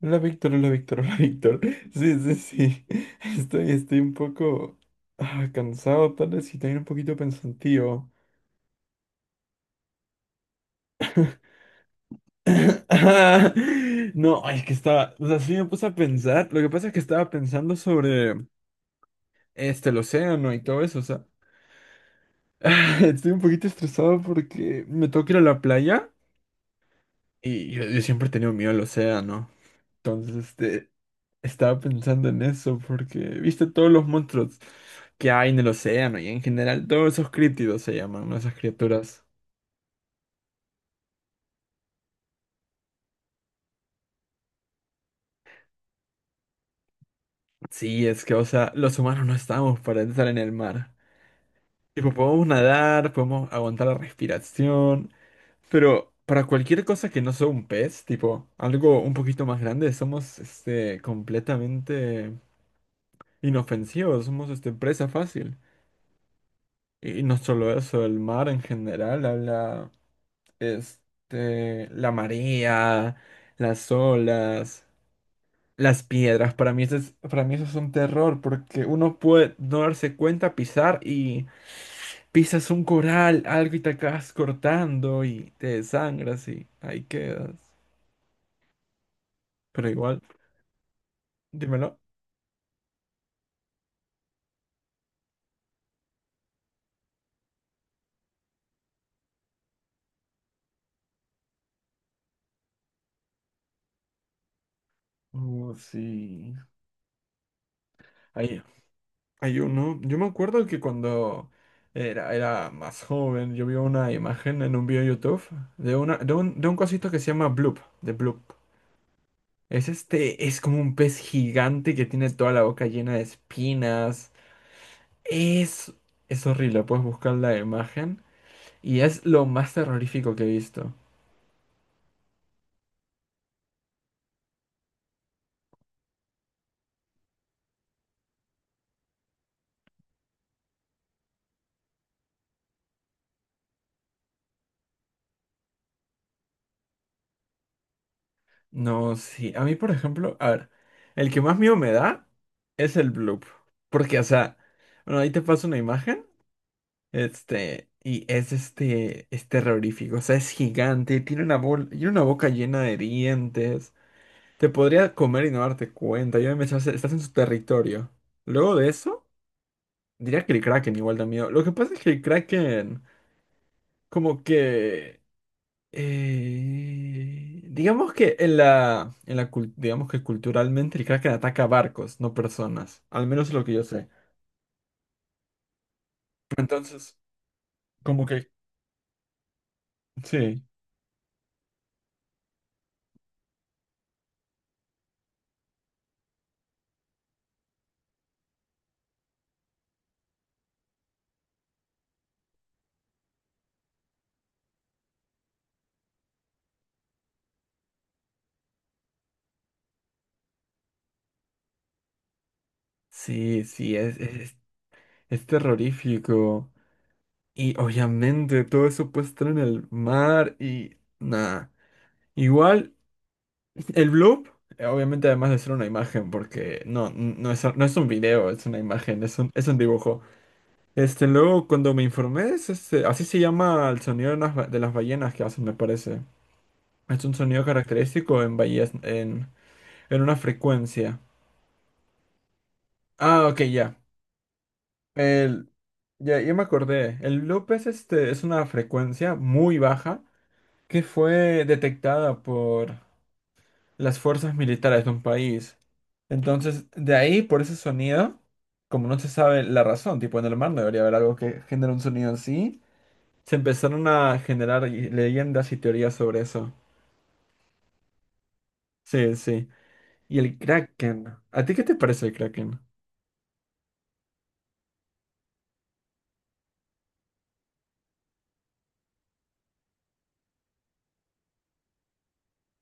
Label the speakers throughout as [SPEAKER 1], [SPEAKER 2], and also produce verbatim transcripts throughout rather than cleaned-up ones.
[SPEAKER 1] Hola Víctor, hola Víctor, hola Víctor. Sí, sí, sí. Estoy, estoy un poco ah, cansado, tal vez, y también un poquito pensativo. Ah, No, ay, es que estaba, o sea, sí me puse a pensar. Lo que pasa es que estaba pensando sobre este, el océano y todo eso, o sea. Estoy un poquito estresado porque me toca ir a la playa y yo, yo siempre he tenido miedo al océano. Entonces, este, estaba pensando en eso porque, viste, todos los monstruos que hay en el océano y en general, todos esos críptidos se llaman, ¿no? Esas criaturas. Sí, es que, o sea, los humanos no estamos para estar en el mar. Tipo, podemos nadar, podemos aguantar la respiración, pero para cualquier cosa que no sea un pez, tipo, algo un poquito más grande, somos, este, completamente inofensivos, somos, este, presa fácil. Y no solo eso, el mar en general habla este, la marea, las olas, las piedras. Para mí eso es, para mí eso es un terror porque uno puede no darse cuenta, pisar y pisas un coral, algo y te acabas cortando y te desangras y ahí quedas. Pero igual, dímelo. Uh, sí. Hay, hay uno. Yo me acuerdo que cuando era, era más joven, yo vi una imagen en un video de YouTube de, una, de, un, de un cosito que se llama Bloop, de Bloop. Es este, es como un pez gigante que tiene toda la boca llena de espinas. Es, es horrible, puedes buscar la imagen. Y es lo más terrorífico que he visto. No, sí. A mí, por ejemplo, a ver, el que más miedo me da es el bloop. Porque, o sea, bueno, ahí te paso una imagen. Este, y es este, es terrorífico. O sea, es gigante, tiene una, bol- tiene una boca llena de dientes. Te podría comer y no darte cuenta. Ya me echaste- estás en su territorio. Luego de eso, diría que el Kraken igual da miedo. Lo que pasa es que el Kraken, como que. eh, digamos que en la. En la cul- digamos que culturalmente el Kraken ataca barcos, no personas. Al menos es lo que yo sé. Entonces, como que. Sí. Sí, sí, es, es, es terrorífico. Y obviamente todo eso puede estar en el mar y. Nada. Igual. El bloop, eh, obviamente, además de ser una imagen, porque no, n- no es, no es un video, es una imagen, es un, es un dibujo. Este, luego, cuando me informé, es este- así se llama el sonido de las, ba- de las ballenas que hacen, me parece. Es un sonido característico en ballenas, en, en una frecuencia. Ah, ok, ya. El, ya, ya me acordé. El bloop es, este, es una frecuencia muy baja que fue detectada las fuerzas militares de un país. Entonces, de ahí, por ese sonido, como no se sabe la razón, tipo en el mar no debería haber algo que genere un sonido en sí, se empezaron a generar y- leyendas y teorías sobre eso. Sí, sí. Y el Kraken. ¿A ti qué te parece el Kraken?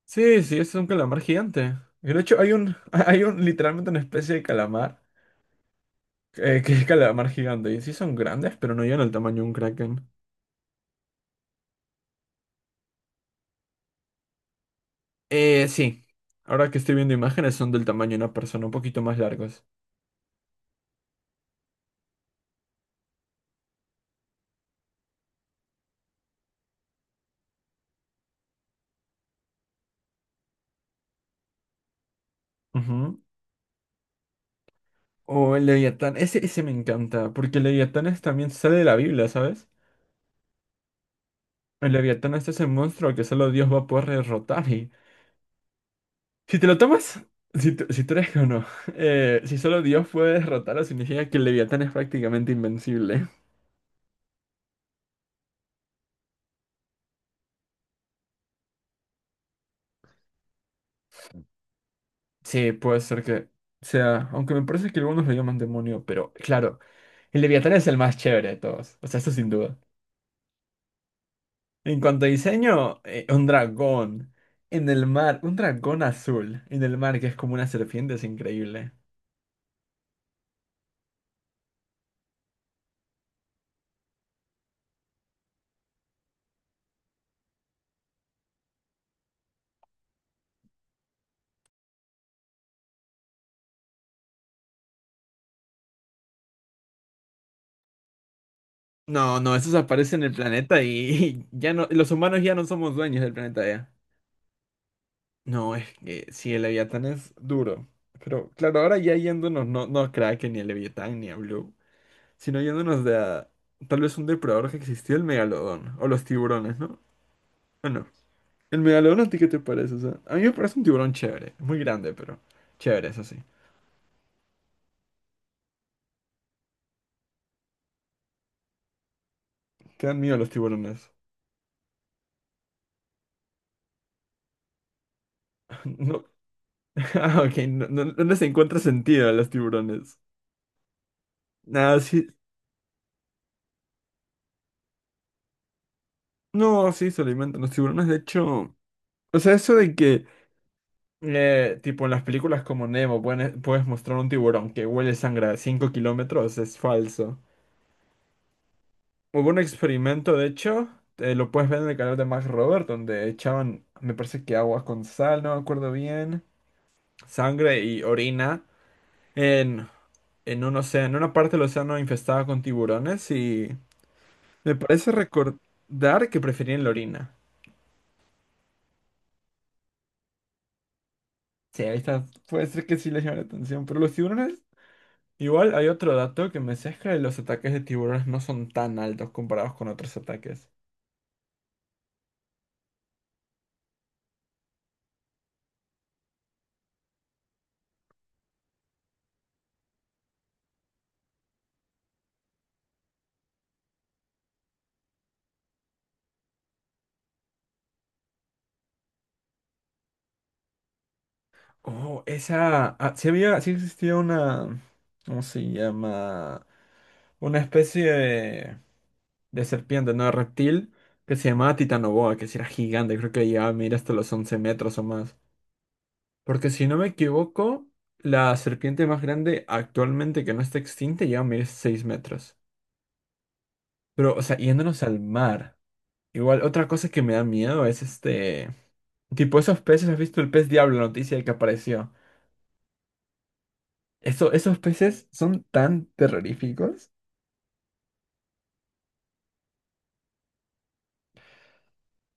[SPEAKER 1] Sí, sí, es un calamar gigante. Y de hecho, hay un, hay un, literalmente una especie de calamar, eh, que es calamar gigante. Y sí son grandes, pero no llegan al tamaño de un Kraken. Eh, sí. Ahora que estoy viendo imágenes, son del tamaño de una persona, un poquito más largos. Ujú. O el Leviatán, ese, ese me encanta, porque el Leviatán es- también sale de la Biblia, ¿sabes? El Leviatán es ese monstruo que solo Dios va a poder derrotar y... Si te lo tomas, si, tú- si tú eres que no, eh, si solo Dios puede derrotarlo, significa que el Leviatán es prácticamente invencible. Sí, puede ser que sea, aunque me parece que algunos lo llaman demonio, pero claro, el Leviatán es el más chévere de todos, o sea, eso sin duda. En cuanto a diseño, eh, un dragón en el mar, un dragón azul en el mar que es como una serpiente, es increíble. No, no, esos aparecen en el planeta y, ya no, los humanos ya no somos dueños del planeta ya. No, es que sí, el Leviatán es duro. Pero claro, ahora ya yéndonos, no, no Kraken, ni el Leviatán, ni a Blue, sino yéndonos de a, tal vez un depredador que existió, el megalodón, o los tiburones, ¿no? ¿O no? ¿El megalodón a ti qué te parece? O sea, a mí me parece un tiburón chévere, muy grande, pero chévere, eso sí. Te dan miedo los tiburones. No, ah, ok, no, no- no les encuentra sentido a los tiburones. Nada, sí. No, sí, se alimentan los tiburones. De hecho, o sea, eso de que, eh, tipo, en las películas como Nemo pueden- puedes mostrar un tiburón que huele sangre a cinco kilómetros es falso. Hubo un experimento, de hecho, eh, lo puedes ver en el canal de Max Robert, donde echaban, me parece que agua con sal, no me acuerdo bien, sangre y orina en, en un océano, en una parte del océano infestada con tiburones y. Me parece recordar que preferían la orina. Sí, ahí está. Puede ser que sí les llame la atención. Pero los tiburones, igual hay otro dato que me sesga de los ataques de tiburones no son tan altos comparados con otros ataques. Oh, esa. Ah, sí había, sí existía una. ¿Cómo se llama? Una especie de, de serpiente, no de reptil, que se llamaba Titanoboa, que sí era gigante, creo que llegaba a medir hasta los once metros o más. Porque si no me equivoco, la serpiente más grande actualmente que no está extinta ya mide seis metros. Pero, o sea, yéndonos al mar. Igual, otra cosa que me da miedo es este... Tipo, esos peces, ¿has visto el pez diablo, la noticia que apareció? Eso, esos peces son tan terroríficos.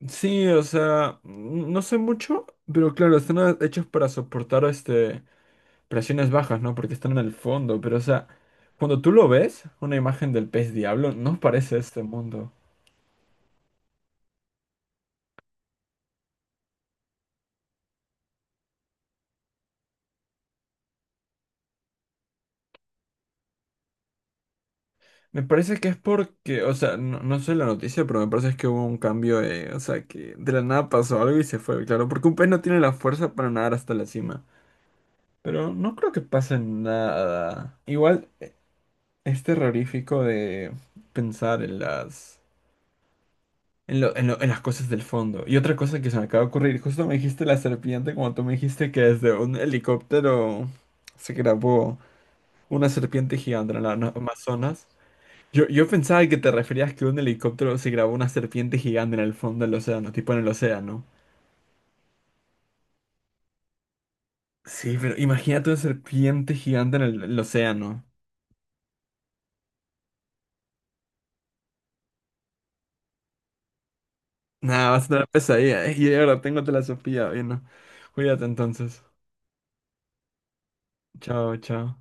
[SPEAKER 1] Sí, o sea, n- no sé mucho, pero claro, están a- hechos para soportar este, presiones bajas, ¿no? Porque están en el fondo, pero o sea, cuando tú lo ves, una imagen del pez diablo, no parece este mundo. Me parece que es porque, o sea, no, no sé la noticia, pero me parece que hubo un cambio, eh, o sea, que de la nada pasó algo y se fue, claro, porque un pez no tiene la fuerza para nadar hasta la cima. Pero no creo que pase nada. Igual es terrorífico de pensar en las, en lo- en lo- en las cosas del fondo. Y otra cosa que se me acaba de ocurrir, justo me dijiste la serpiente, como tú me dijiste que desde un helicóptero se grabó una serpiente gigante en la Amazonas. Yo, yo pensaba que te referías que un helicóptero se grabó una serpiente gigante en el fondo del océano, tipo en el océano. Sí, pero imagínate una serpiente gigante en el, el océano. Nada, vas a tener pesadilla. ¿eh? Y ahora tengo telasofía, bien. ¿No? Cuídate entonces. Chao, chao.